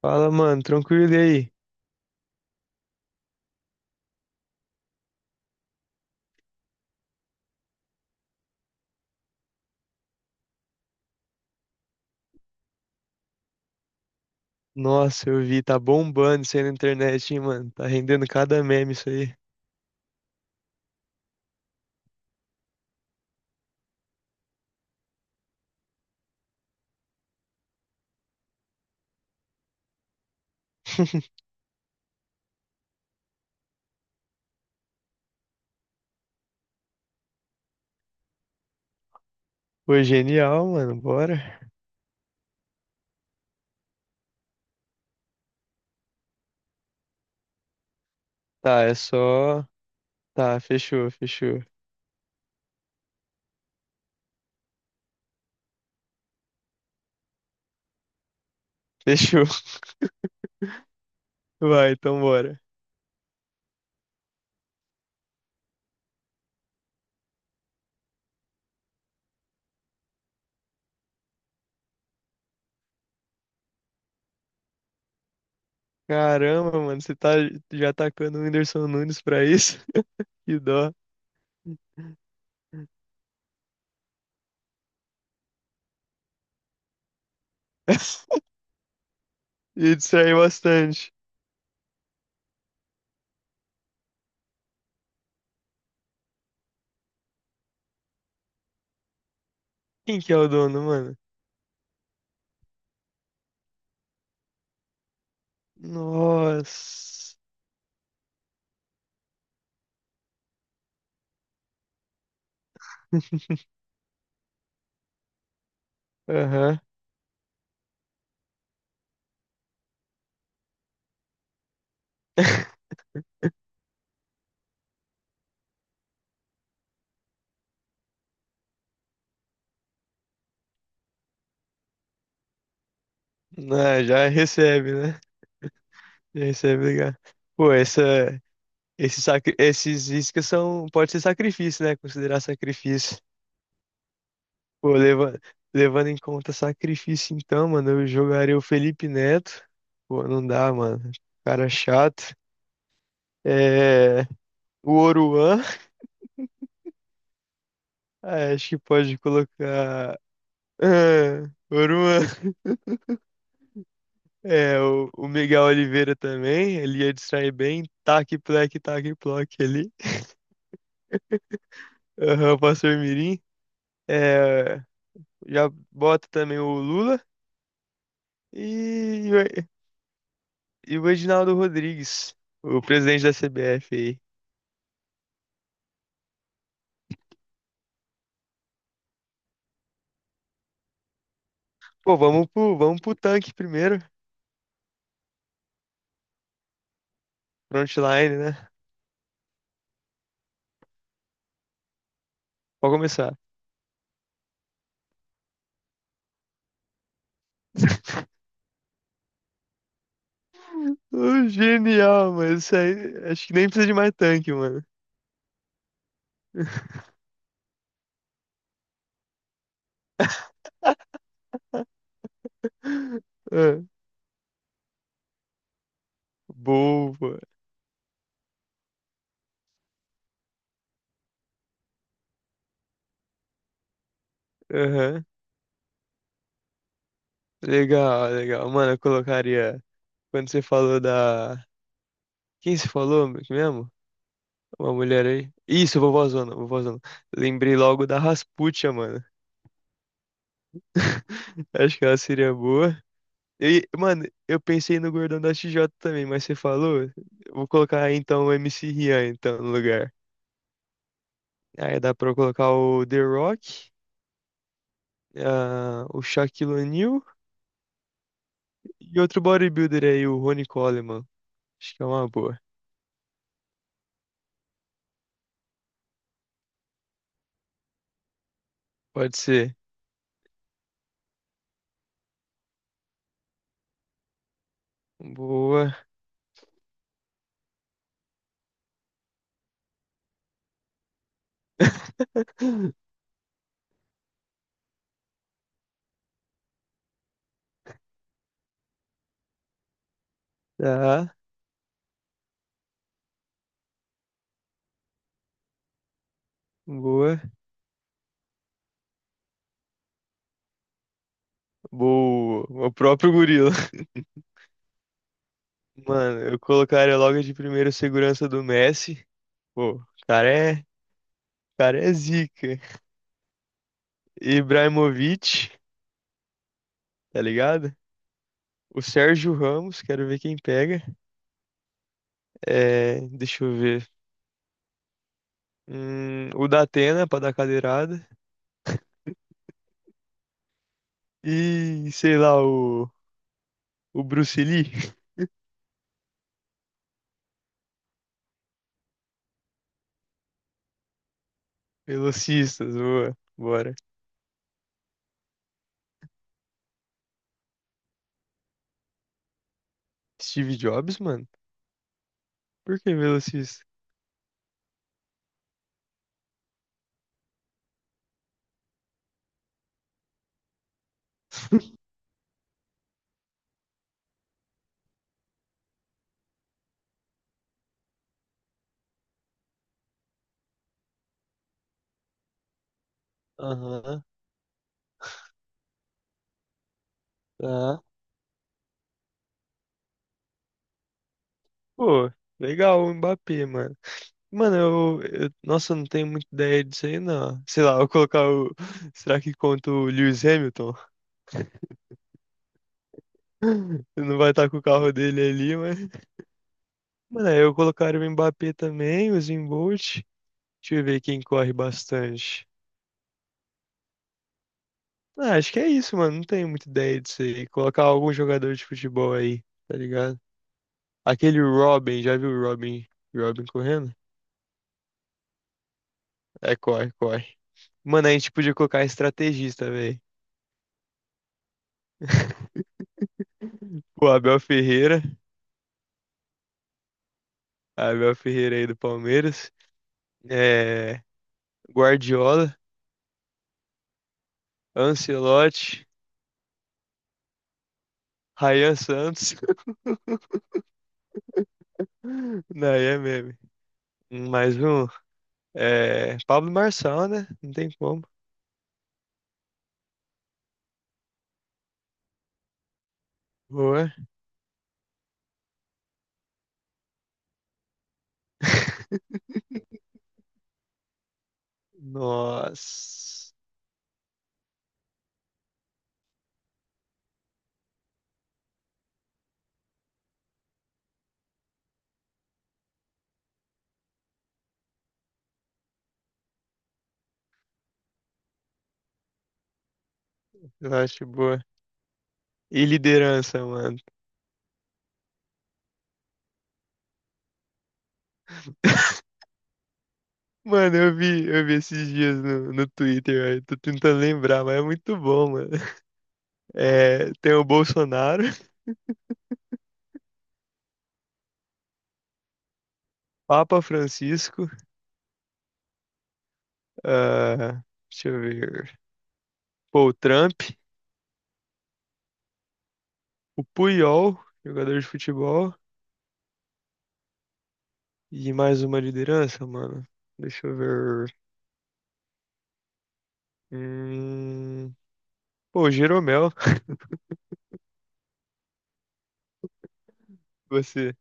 Fala, mano, tranquilo e aí? Nossa, eu vi, tá bombando isso aí na internet, hein, mano? Tá rendendo cada meme isso aí. Pô, genial, mano, bora. Tá, é só. Tá, fechou, fechou. Fechou. Vai, então bora. Caramba, mano, você tá já atacando o Whindersson Nunes pra isso? Que dó. E distraiu bastante. Quem que é o dono, mano? Nossa. Aham. Ah, já recebe, né? Isso é obrigado. Pô, essa, esse sacri, esses iscas são, pode ser sacrifício, né? Considerar sacrifício. Pô, leva, levando em conta sacrifício, então, mano, eu jogaria o Felipe Neto. Pô, não dá, mano. Cara chato. É, o Oruan. Ah, acho que pode colocar. Ah, Oruan. É, o Miguel Oliveira também. Ele ia distrair bem. Tac, plec, tac, ploc ali. Aham, o pastor Mirim. É, já bota também o Lula e, e o Reginaldo Rodrigues, o presidente da CBF aí. Pô, vamos pro tanque primeiro. Frontline, né? Pode começar. Ô, genial, mano. Isso aí, acho que nem precisa de mais tanque, mano. Ah, boa. Aham. Legal, legal. Mano, eu colocaria. Quando você falou da. Quem se falou mesmo? Uma mulher aí. Isso, vovózona, vovózona. Lembrei logo da Rasputia, mano. Acho que ela seria boa. E, mano, eu pensei no Gordão da X J também, mas você falou. Eu Vou colocar então o MC Rian então, no lugar. Aí dá pra eu colocar o The Rock, ah, o Shaquille O'Neal e outro bodybuilder aí, o Ronnie Coleman. Acho que é uma boa. Pode ser. Boa. Tá, boa. Boa. O próprio gorila. Mano, eu colocaria logo de primeiro segurança do Messi. Pô, o cara é zica. Ibrahimovic, tá ligado? O Sérgio Ramos, quero ver quem pega. É, deixa eu ver. O Datena pra dar cadeirada. E sei lá, o Bruce Lee. Velocistas, boa. Bora. Steve Jobs, mano? Por que velocista? Aham, tá. Pô, legal o Mbappé, mano. Mano, nossa, eu não tenho muita ideia disso aí, não. Sei lá, eu vou colocar o. Será que conta o Lewis Hamilton? Não vai estar com o carro dele ali, mas. Mano, aí eu colocaria o Mbappé também, o Usain Bolt. Deixa eu ver quem corre bastante. Ah, acho que é isso, mano. Não tenho muita ideia disso aí. Colocar algum jogador de futebol aí, tá ligado? Aquele Robin, já viu o Robin? Robin correndo? É, corre, corre. Mano, a gente podia colocar estrategista, velho. O Abel Ferreira, Abel Ferreira aí do Palmeiras, é, Guardiola, Ancelotti, Rayan Santos. Não, aí é meme. Mais um. É, Pablo Marçal, né? Não tem como. Boa. Nossa. Eu acho boa. E liderança, mano. Mano, eu vi esses dias no Twitter, velho. Tô tentando lembrar, mas é muito bom, mano. É, tem o Bolsonaro, Papa Francisco, ah, deixa eu ver, pô, o Trump, o Puyol, jogador de futebol, e mais uma liderança, mano. Deixa eu ver. Hum... Pô, Jeromel, você.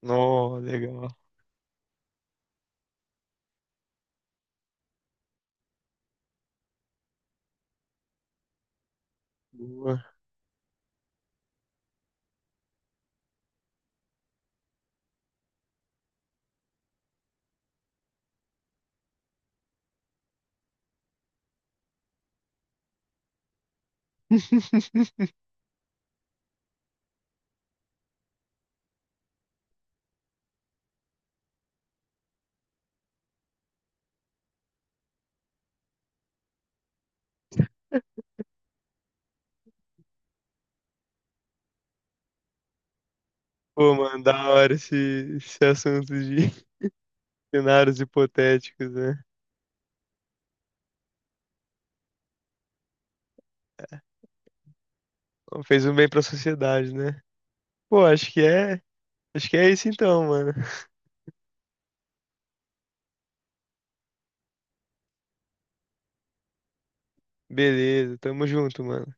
Nó, legal. Boa. Pô, mano, da hora esse, esse assunto de cenários hipotéticos, né? Fez um bem pra sociedade, né? Pô, acho que é. Acho que é isso então, mano. Beleza, tamo junto, mano.